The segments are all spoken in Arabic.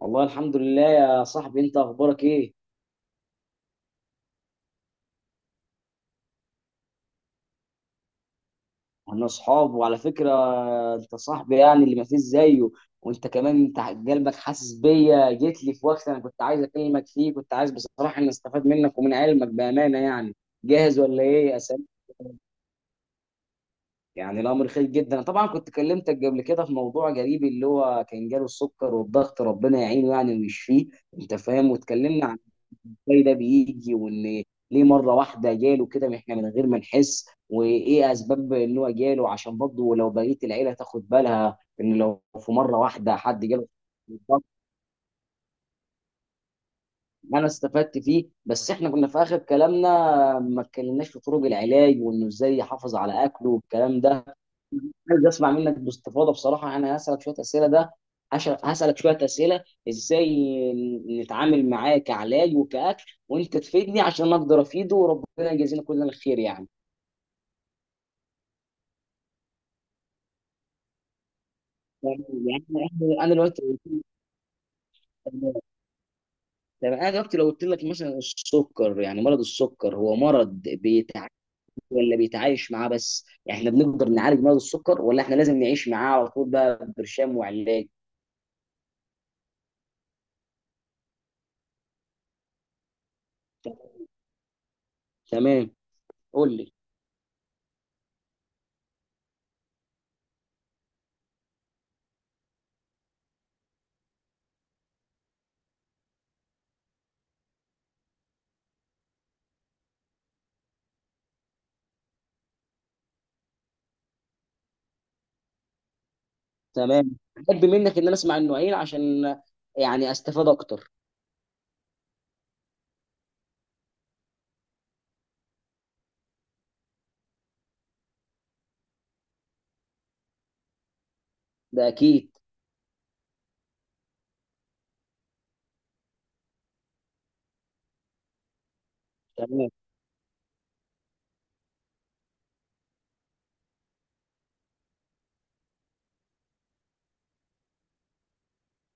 والله الحمد لله يا صاحبي، انت اخبارك ايه؟ احنا اصحاب، وعلى فكره انت صاحبي يعني اللي ما فيش زيه. وانت كمان، انت قلبك حاسس بيا، جيت لي في وقت انا كنت عايز اكلمك فيه، كنت عايز بصراحه ان استفاد منك ومن علمك بامانه يعني. جاهز ولا ايه؟ يا سلام. يعني الامر خير جدا، انا طبعا كنت كلمتك قبل كده في موضوع جريب اللي هو كان جاله السكر والضغط، ربنا يعينه يعني ويشفيه. انت فاهم، واتكلمنا ازاي ده بيجي، وان ليه مره واحده جاله كده احنا من غير ما نحس. وايه اسباب ان هو جاله؟ عشان برضه لو بقيه العيله تاخد بالها، ان لو في مره واحده حد جاله. بالضبط، انا استفدت فيه، بس احنا كنا في اخر كلامنا ما اتكلمناش في طرق العلاج، وانه ازاي يحافظ على اكله والكلام ده. عايز اسمع منك باستفاضه، بصراحه انا هسالك شويه اسئله ده. هسالك شويه اسئله ازاي نتعامل معاه كعلاج وكاكل، وانت تفيدني عشان اقدر افيده، وربنا يجازينا كلنا الخير يعني. يعني يعني انا دلوقتي، طب انا دلوقتي لو قلت لك مثلا السكر، يعني مرض السكر هو مرض بيتعالج ولا بيتعايش معاه؟ بس يعني احنا بنقدر نعالج مرض السكر، ولا احنا لازم نعيش معاه على طول بقى برشام وعلاج؟ تمام، قول لي. تمام، احب منك ان انا اسمع النوعين عشان يعني استفاد اكتر. ده اكيد. تمام.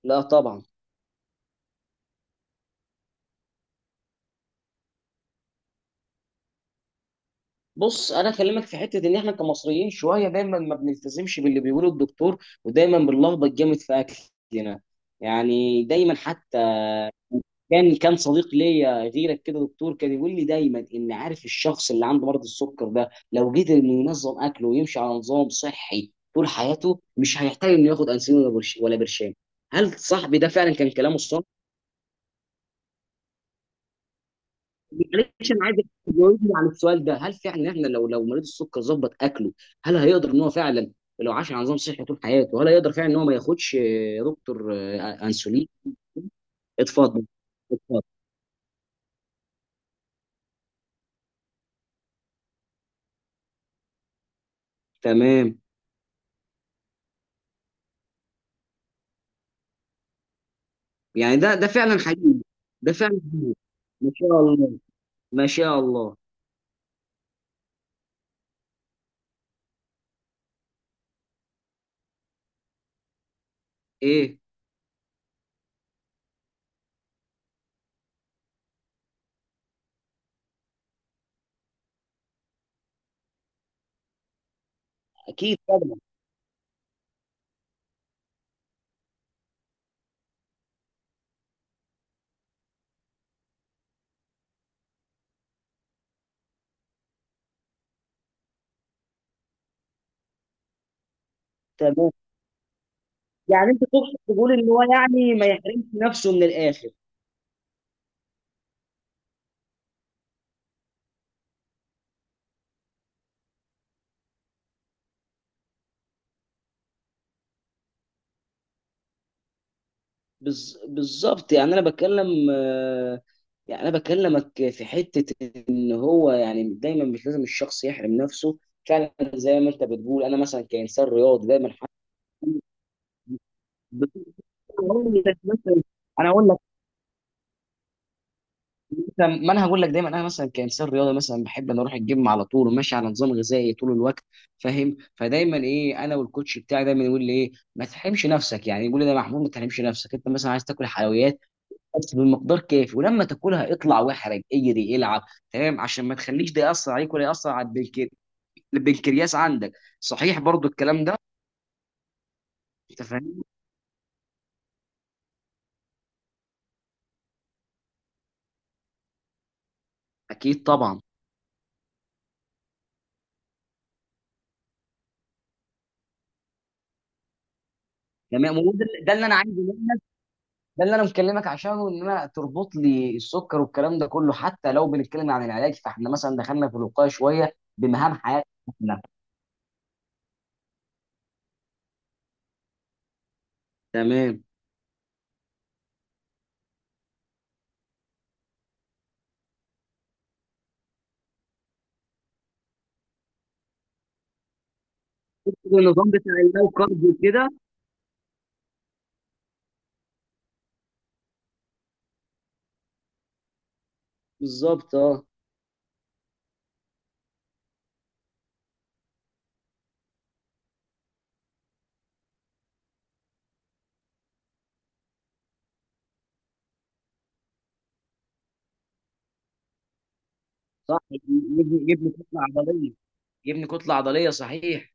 لا طبعا. بص، انا اكلمك في حته ان احنا كمصريين شويه دايما ما بنلتزمش باللي بيقوله الدكتور، ودايما بنلخبط جامد في اكلنا. يعني دايما، حتى كان صديق ليا غيرك كده دكتور كان يقول لي دايما: ان عارف الشخص اللي عنده مرض السكر ده لو قدر انه ينظم اكله ويمشي على نظام صحي طول حياته مش هيحتاج انه ياخد انسولين ولا ولا برشام. هل صاحبي ده فعلا كان كلامه صح؟ معلش، انا عايزك تجاوبني على السؤال ده، هل فعلا احنا لو مريض السكر ظبط اكله، هل هيقدر ان هو فعلا، لو عاش على نظام صحي طول حياته، هل هيقدر فعلا ان هو ما ياخدش، يا دكتور، انسولين؟ اتفضل، اتفضل. تمام. يعني ده فعلا حقيقي؟ ده فعلا حقيقي. ما شاء الله، ما شاء الله. ايه. اكيد طبعا. تمام، يعني انت تقصد تقول ان هو يعني ما يحرمش نفسه من الاخر. بالظبط. يعني انا بتكلم، يعني انا بكلمك في حته ان هو يعني دايما مش لازم الشخص يحرم نفسه، فعلا زي ما انت بتقول. انا مثلا كانسان رياضي دايما بس أنا هقول لك مثلا، انا اقول لك مثلا، ما انا هقول لك دايما، انا مثلا كانسان رياضي مثلا بحب ان اروح الجيم على طول وماشي على نظام غذائي طول الوقت، فاهم. فدايما ايه، انا والكوتش بتاعي دايما يقول لي ايه: ما تحرمش نفسك. يعني يقول لي: ده يا محمود ما تحرمش نفسك، انت مثلا عايز تاكل حلويات بس بالمقدار كافي، ولما تاكلها اطلع واحرج اجري العب. تمام، عشان ما تخليش ده ياثر عليك ولا ياثر على البنكرياس عندك. صحيح برضو الكلام ده؟ انت فاهم. اكيد طبعا. تمام، هو ده اللي انا عايزه، ده اللي انا مكلمك عشانه، ان انا تربط لي السكر والكلام ده كله، حتى لو بنتكلم عن العلاج فاحنا مثلا دخلنا في الوقايه شويه بمهام حياتنا. إحنا. تمام. النظام بتاع اللو كارب وكده. بالظبط اه. صح، يبني كتله عضليه. يبني كتله عضليه، صحيح.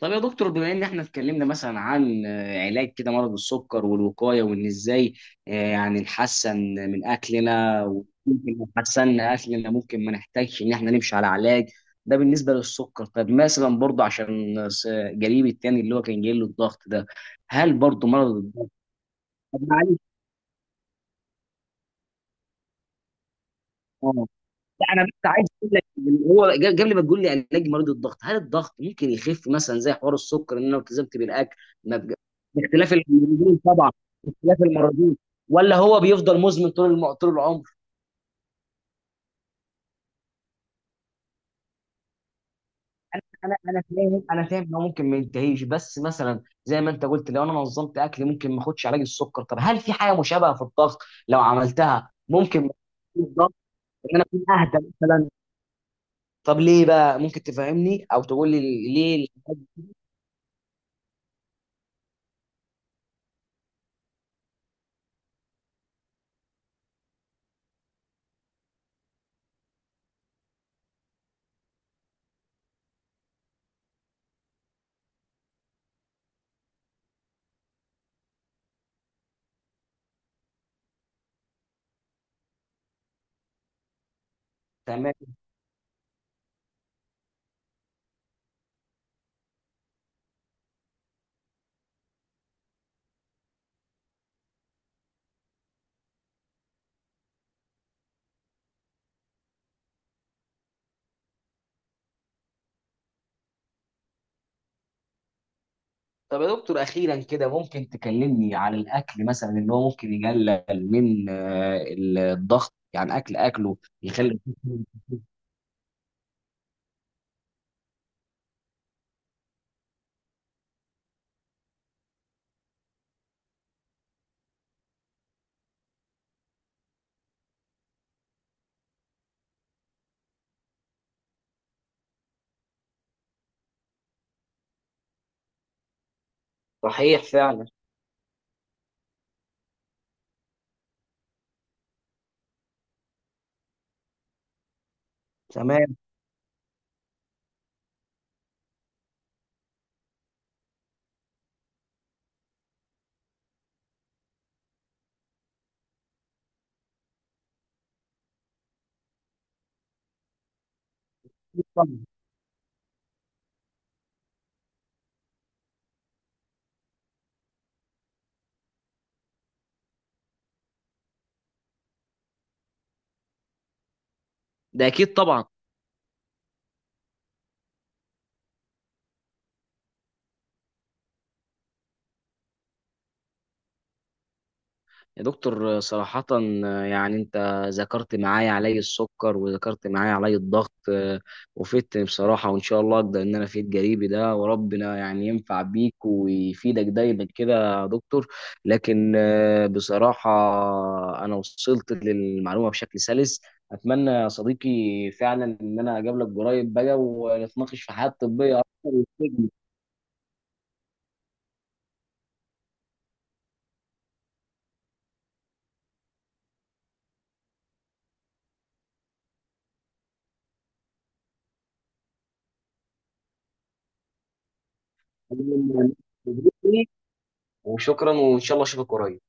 طب يا دكتور، بما ان احنا اتكلمنا مثلا عن، علاج كده مرض السكر والوقايه، وان ازاي، يعني نحسن من اكلنا، وممكن لو حسنا اكلنا ممكن ما نحتاجش ان احنا نمشي على علاج. ده بالنسبه للسكر. طب مثلا برضه عشان، قريبي التاني اللي هو كان جاي له الضغط ده، هل برضه مرض الضغط؟ طب معلش. اه. لا، انا بس عايز اقول لك إن هو، قبل ما تقول لي علاج مريض الضغط، هل الضغط ممكن يخف مثلا زي حوار السكر، ان انا لو التزمت بالاكل ما بج- باختلاف المرضين طبعا، باختلاف المرضين، ولا هو بيفضل مزمن طول طول العمر؟ انا فاهم، انا فاهم انه ممكن ما ينتهيش، بس مثلا زي ما انت قلت لو انا نظمت اكلي ممكن ما اخدش علاج السكر، طب هل في حاجه مشابهه في الضغط؟ لو عملتها ممكن ما يكونش الضغط، ان انا اكون اهدى مثلا؟ طب ليه بقى، ممكن تفهمني او تقول لي ليه؟ تمام. طب يا دكتور، اخيرا كده ممكن تكلمني عن الاكل مثلا، ان هو ممكن يقلل من، الضغط؟ يعني اكل اكله يخلي. صحيح فعلا. تمام. طبعا. ده اكيد طبعا. يا دكتور، صراحة يعني أنت ذكرت معايا علي السكر وذكرت معايا علي الضغط، وفدتني بصراحة، وإن شاء الله أقدر إن أنا أفيد قريبي ده، وربنا يعني ينفع بيك ويفيدك دايما كده يا دكتور. لكن بصراحة أنا وصلت للمعلومة بشكل سلس. أتمنى يا صديقي فعلا إن أنا أقابلك قريب بقى، ونتناقش في حياة طبية أكتر وتفيدني. وشكرا، وإن شاء الله أشوفك قريب.